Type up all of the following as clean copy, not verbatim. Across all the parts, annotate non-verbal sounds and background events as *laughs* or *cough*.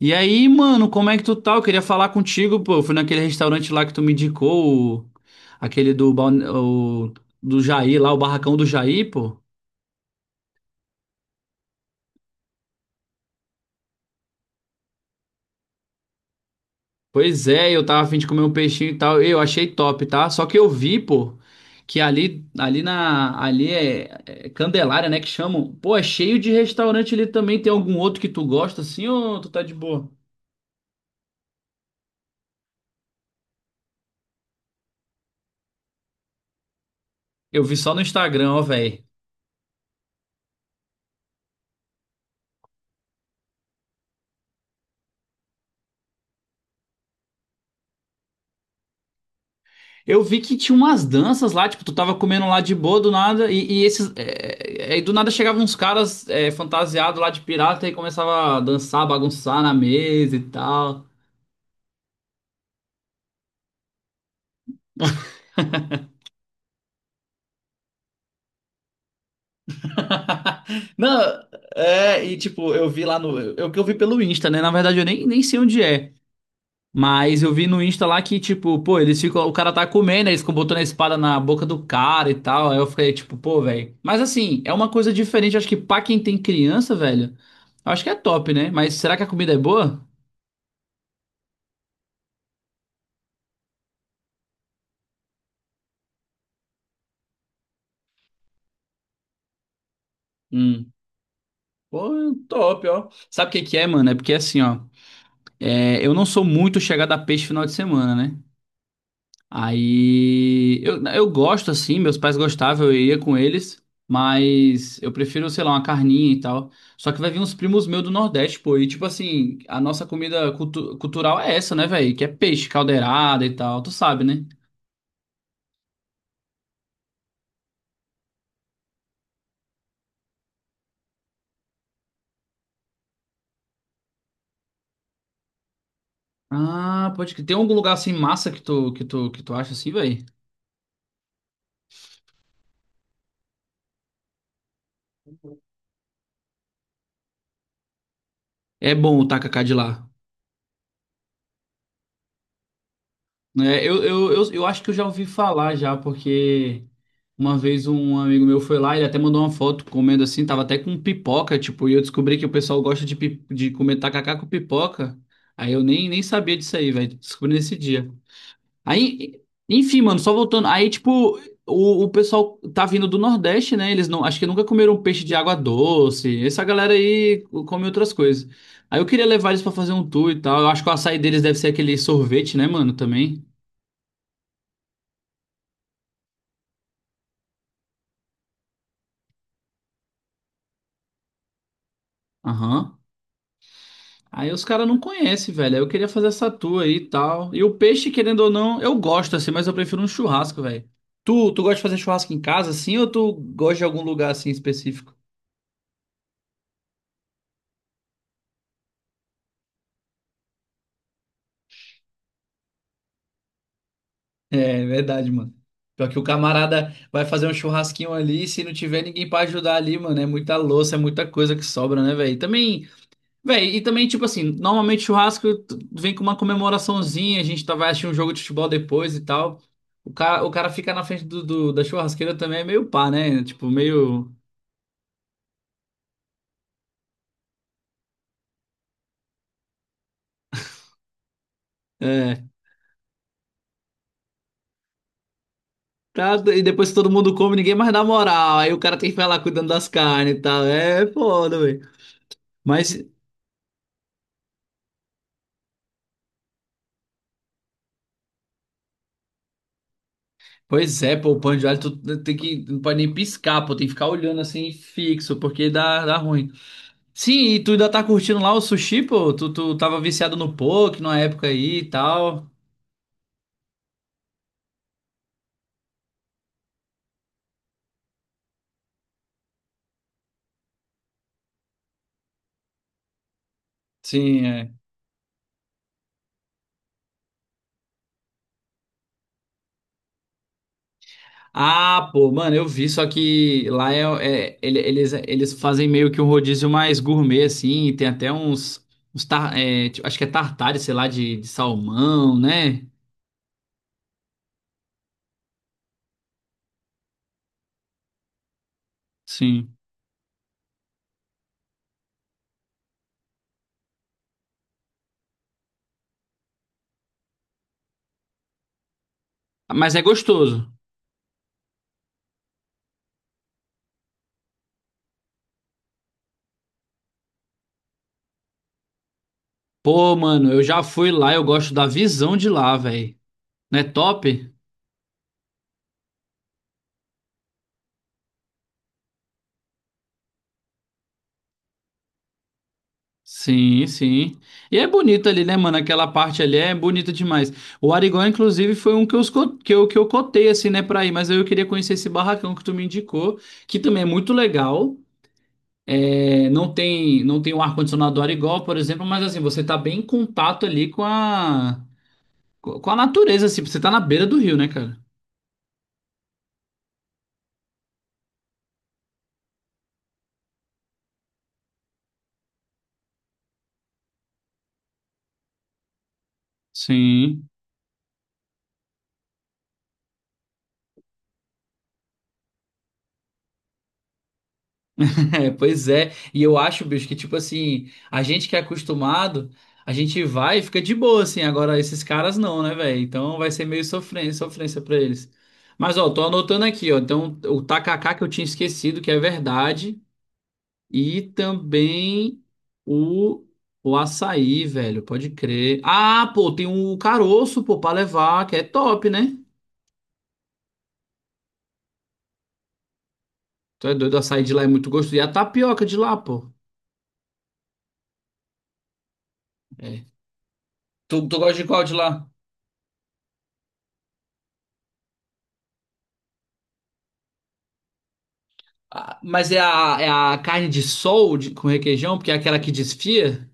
E aí, mano, como é que tu tá? Eu queria falar contigo, pô. Eu fui naquele restaurante lá que tu me indicou, aquele do Jair lá, o barracão do Jair, pô. Pois é, eu tava a fim de comer um peixinho e tal. Eu achei top, tá? Só que eu vi, pô, que ali é Candelária, né, que chamam. Pô, é cheio de restaurante ali também. Tem algum outro que tu gosta assim ou tu tá de boa? Eu vi só no Instagram, ó, velho. Eu vi que tinha umas danças lá, tipo, tu tava comendo lá de boa do nada, e do nada chegavam uns caras fantasiados lá de pirata e começava a dançar, bagunçar na mesa e tal. *laughs* Não, é, e tipo, eu vi lá no. É o que eu vi pelo Insta, né? Na verdade, eu nem sei onde é. Mas eu vi no Insta lá que, tipo, pô, eles ficam. O cara tá comendo, aí eles ficam botando a espada na boca do cara e tal. Aí eu fiquei, tipo, pô, velho. Mas assim, é uma coisa diferente. Acho que pra quem tem criança, velho, acho que é top, né? Mas será que a comida é boa? Hum. Pô, top, ó. Sabe o que que é, mano? É porque assim, ó. É, eu não sou muito chegado a peixe final de semana, né? Aí eu gosto assim, meus pais gostavam, eu ia com eles, mas eu prefiro, sei lá, uma carninha e tal. Só que vai vir uns primos meus do Nordeste, pô, e tipo assim, a nossa comida cultural é essa, né, velho? Que é peixe, caldeirada e tal, tu sabe, né? Ah, pode que tem algum lugar assim massa que tu que tu acha assim, velho? É bom o tacacá de lá. Né? Eu acho que eu já ouvi falar já, porque uma vez um amigo meu foi lá, ele até mandou uma foto comendo assim, tava até com pipoca, tipo, e eu descobri que o pessoal gosta de comer tacacá com pipoca. Aí eu nem sabia disso aí, velho. Descobri nesse dia. Aí, enfim, mano, só voltando. Aí, tipo, o pessoal tá vindo do Nordeste, né? Eles não, acho que nunca comeram peixe de água doce. Essa galera aí come outras coisas. Aí eu queria levar eles pra fazer um tour e tal. Eu acho que o açaí deles deve ser aquele sorvete, né, mano, também. Aham. Aí os caras não conhecem, velho. Aí eu queria fazer essa tua aí e tal. E o peixe, querendo ou não, eu gosto assim, mas eu prefiro um churrasco, velho. Tu gosta de fazer churrasco em casa assim ou tu gosta de algum lugar assim específico? É, verdade, mano. Pior que o camarada vai fazer um churrasquinho ali, se não tiver ninguém pra ajudar ali, mano, é muita louça, é muita coisa que sobra, né, velho? Também véi, e também, tipo assim, normalmente churrasco tu- vem com uma comemoraçãozinha, a gente tá, vai assistir um jogo de futebol depois e tal. O cara ficar na frente da churrasqueira também é meio pá, né? Tipo, meio. É. Tá, e depois que todo mundo come, ninguém mais dá moral. Aí o cara tem que ficar lá cuidando das carnes e tal. É foda, velho. Mas, pois é, pô, o pão de alho tu tem que. Não pode nem piscar, pô, tem que ficar olhando assim fixo, porque dá, dá ruim. Sim, e tu ainda tá curtindo lá o sushi, pô? Tu tava viciado no poke na época aí e tal. Sim, é. Ah, pô, mano, eu vi, só que lá eles fazem meio que um rodízio mais gourmet, assim, tem até tipo, acho que é tartare, sei lá, de salmão, né? Sim. Mas é gostoso. Pô, mano, eu já fui lá, eu gosto da visão de lá, velho. Não é top? Sim, sim. E é bonito ali, né, mano? Aquela parte ali é bonita demais. O Arigó, inclusive, foi um que eu, esco- que eu cotei, assim, né, pra ir. Mas eu queria conhecer esse barracão que tu me indicou, que também é muito legal. É, não tem o ar-condicionado do Arigó, por exemplo, mas, assim, você tá bem em contato ali com a natureza, assim. Você tá na beira do rio, né, cara? Sim. *laughs* É, pois é, e eu acho, bicho, que tipo assim, a gente que é acostumado, a gente vai e fica de boa, assim, agora esses caras não, né, velho? Então vai ser meio sofrência, sofrência pra eles. Mas, ó, tô anotando aqui, ó, então o tacacá que eu tinha esquecido, que é verdade, e também o, o açaí, velho, pode crer. Ah, pô, tem um caroço, pô, pra levar, que é top, né? Tu é doido, o açaí de lá é muito gostoso, e a tapioca de lá, pô. É. Tu gosta de qual de lá? Ah, mas é a carne de sol com requeijão, porque é aquela que desfia.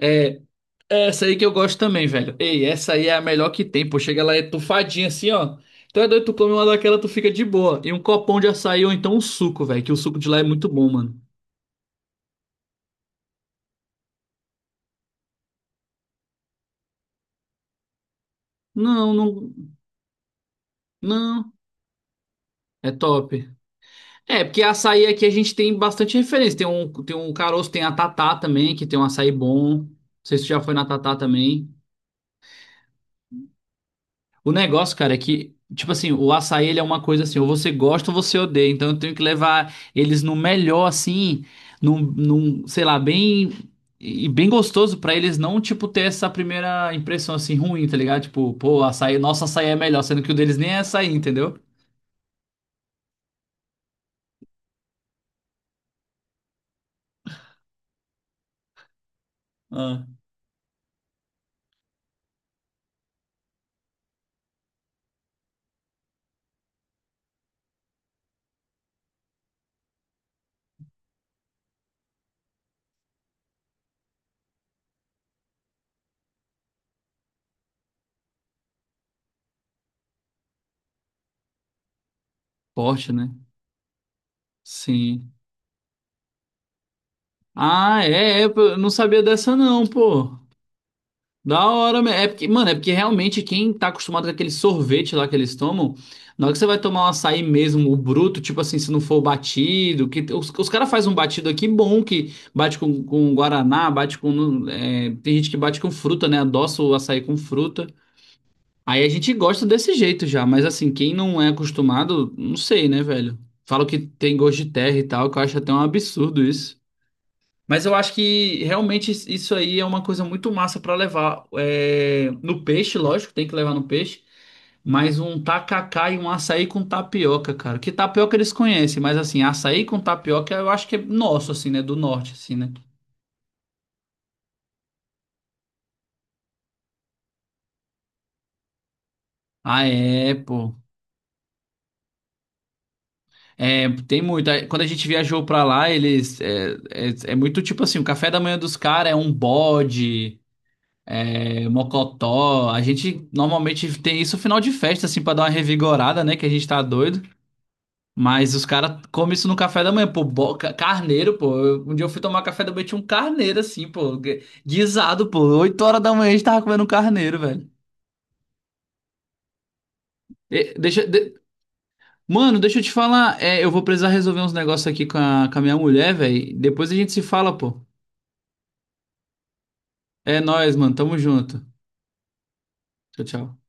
É, é essa aí que eu gosto também, velho. Ei, essa aí é a melhor que tem, pô. Chega lá, é tufadinha assim, ó. Então é doido, tu come uma daquela, tu fica de boa. E um copão de açaí ou então um suco, velho, que o suco de lá é muito bom, mano. Não, não, não. É top. É, porque açaí aqui a gente tem bastante referência. Tem um caroço, tem a Tatá também, que tem um açaí bom. Não sei se tu já foi na Tatá também. O negócio, cara, é que, tipo assim, o açaí ele é uma coisa assim, ou você gosta ou você odeia. Então eu tenho que levar eles no melhor, assim, sei lá, bem. E bem gostoso pra eles não, tipo, ter essa primeira impressão assim ruim, tá ligado? Tipo, pô, açaí, nosso açaí é melhor, sendo que o deles nem é açaí, entendeu? Ah. Forte, né? Sim. Ah, pô, eu não sabia dessa não, pô. Da hora, é porque, mano, é porque realmente quem tá acostumado com aquele sorvete lá que eles tomam, na hora que você vai tomar um açaí mesmo, o bruto, tipo assim, se não for o batido, que os caras fazem um batido aqui bom, que bate com guaraná, tem gente que bate com fruta, né, adoça o açaí com fruta. Aí a gente gosta desse jeito já, mas assim, quem não é acostumado, não sei, né, velho? Falam que tem gosto de terra e tal, que eu acho até um absurdo, mas eu acho que realmente isso aí é uma coisa muito massa para levar é, no peixe, lógico, tem que levar no peixe, mas um tacacá e um açaí com tapioca, cara. Que tapioca eles conhecem, mas assim, açaí com tapioca eu acho que é nosso, assim, né? Do norte, assim, né? Ah, é, pô. É, tem muito. Aí, quando a gente viajou pra lá, é muito tipo assim: o café da manhã dos caras é um bode, é mocotó. A gente normalmente tem isso no final de festa, assim, pra dar uma revigorada, né? Que a gente tá doido. Mas os caras comem isso no café da manhã, pô, carneiro, pô. Um dia eu fui tomar café da manhã, e tinha um carneiro assim, pô, guisado, pô. 8 horas da manhã a gente tava comendo um carneiro, velho. E- deixa, de- Mano, deixa eu te falar, é, eu vou precisar resolver uns negócios aqui com a minha mulher, velho. Depois a gente se fala, pô. É nóis, mano, tamo junto. Tchau, tchau.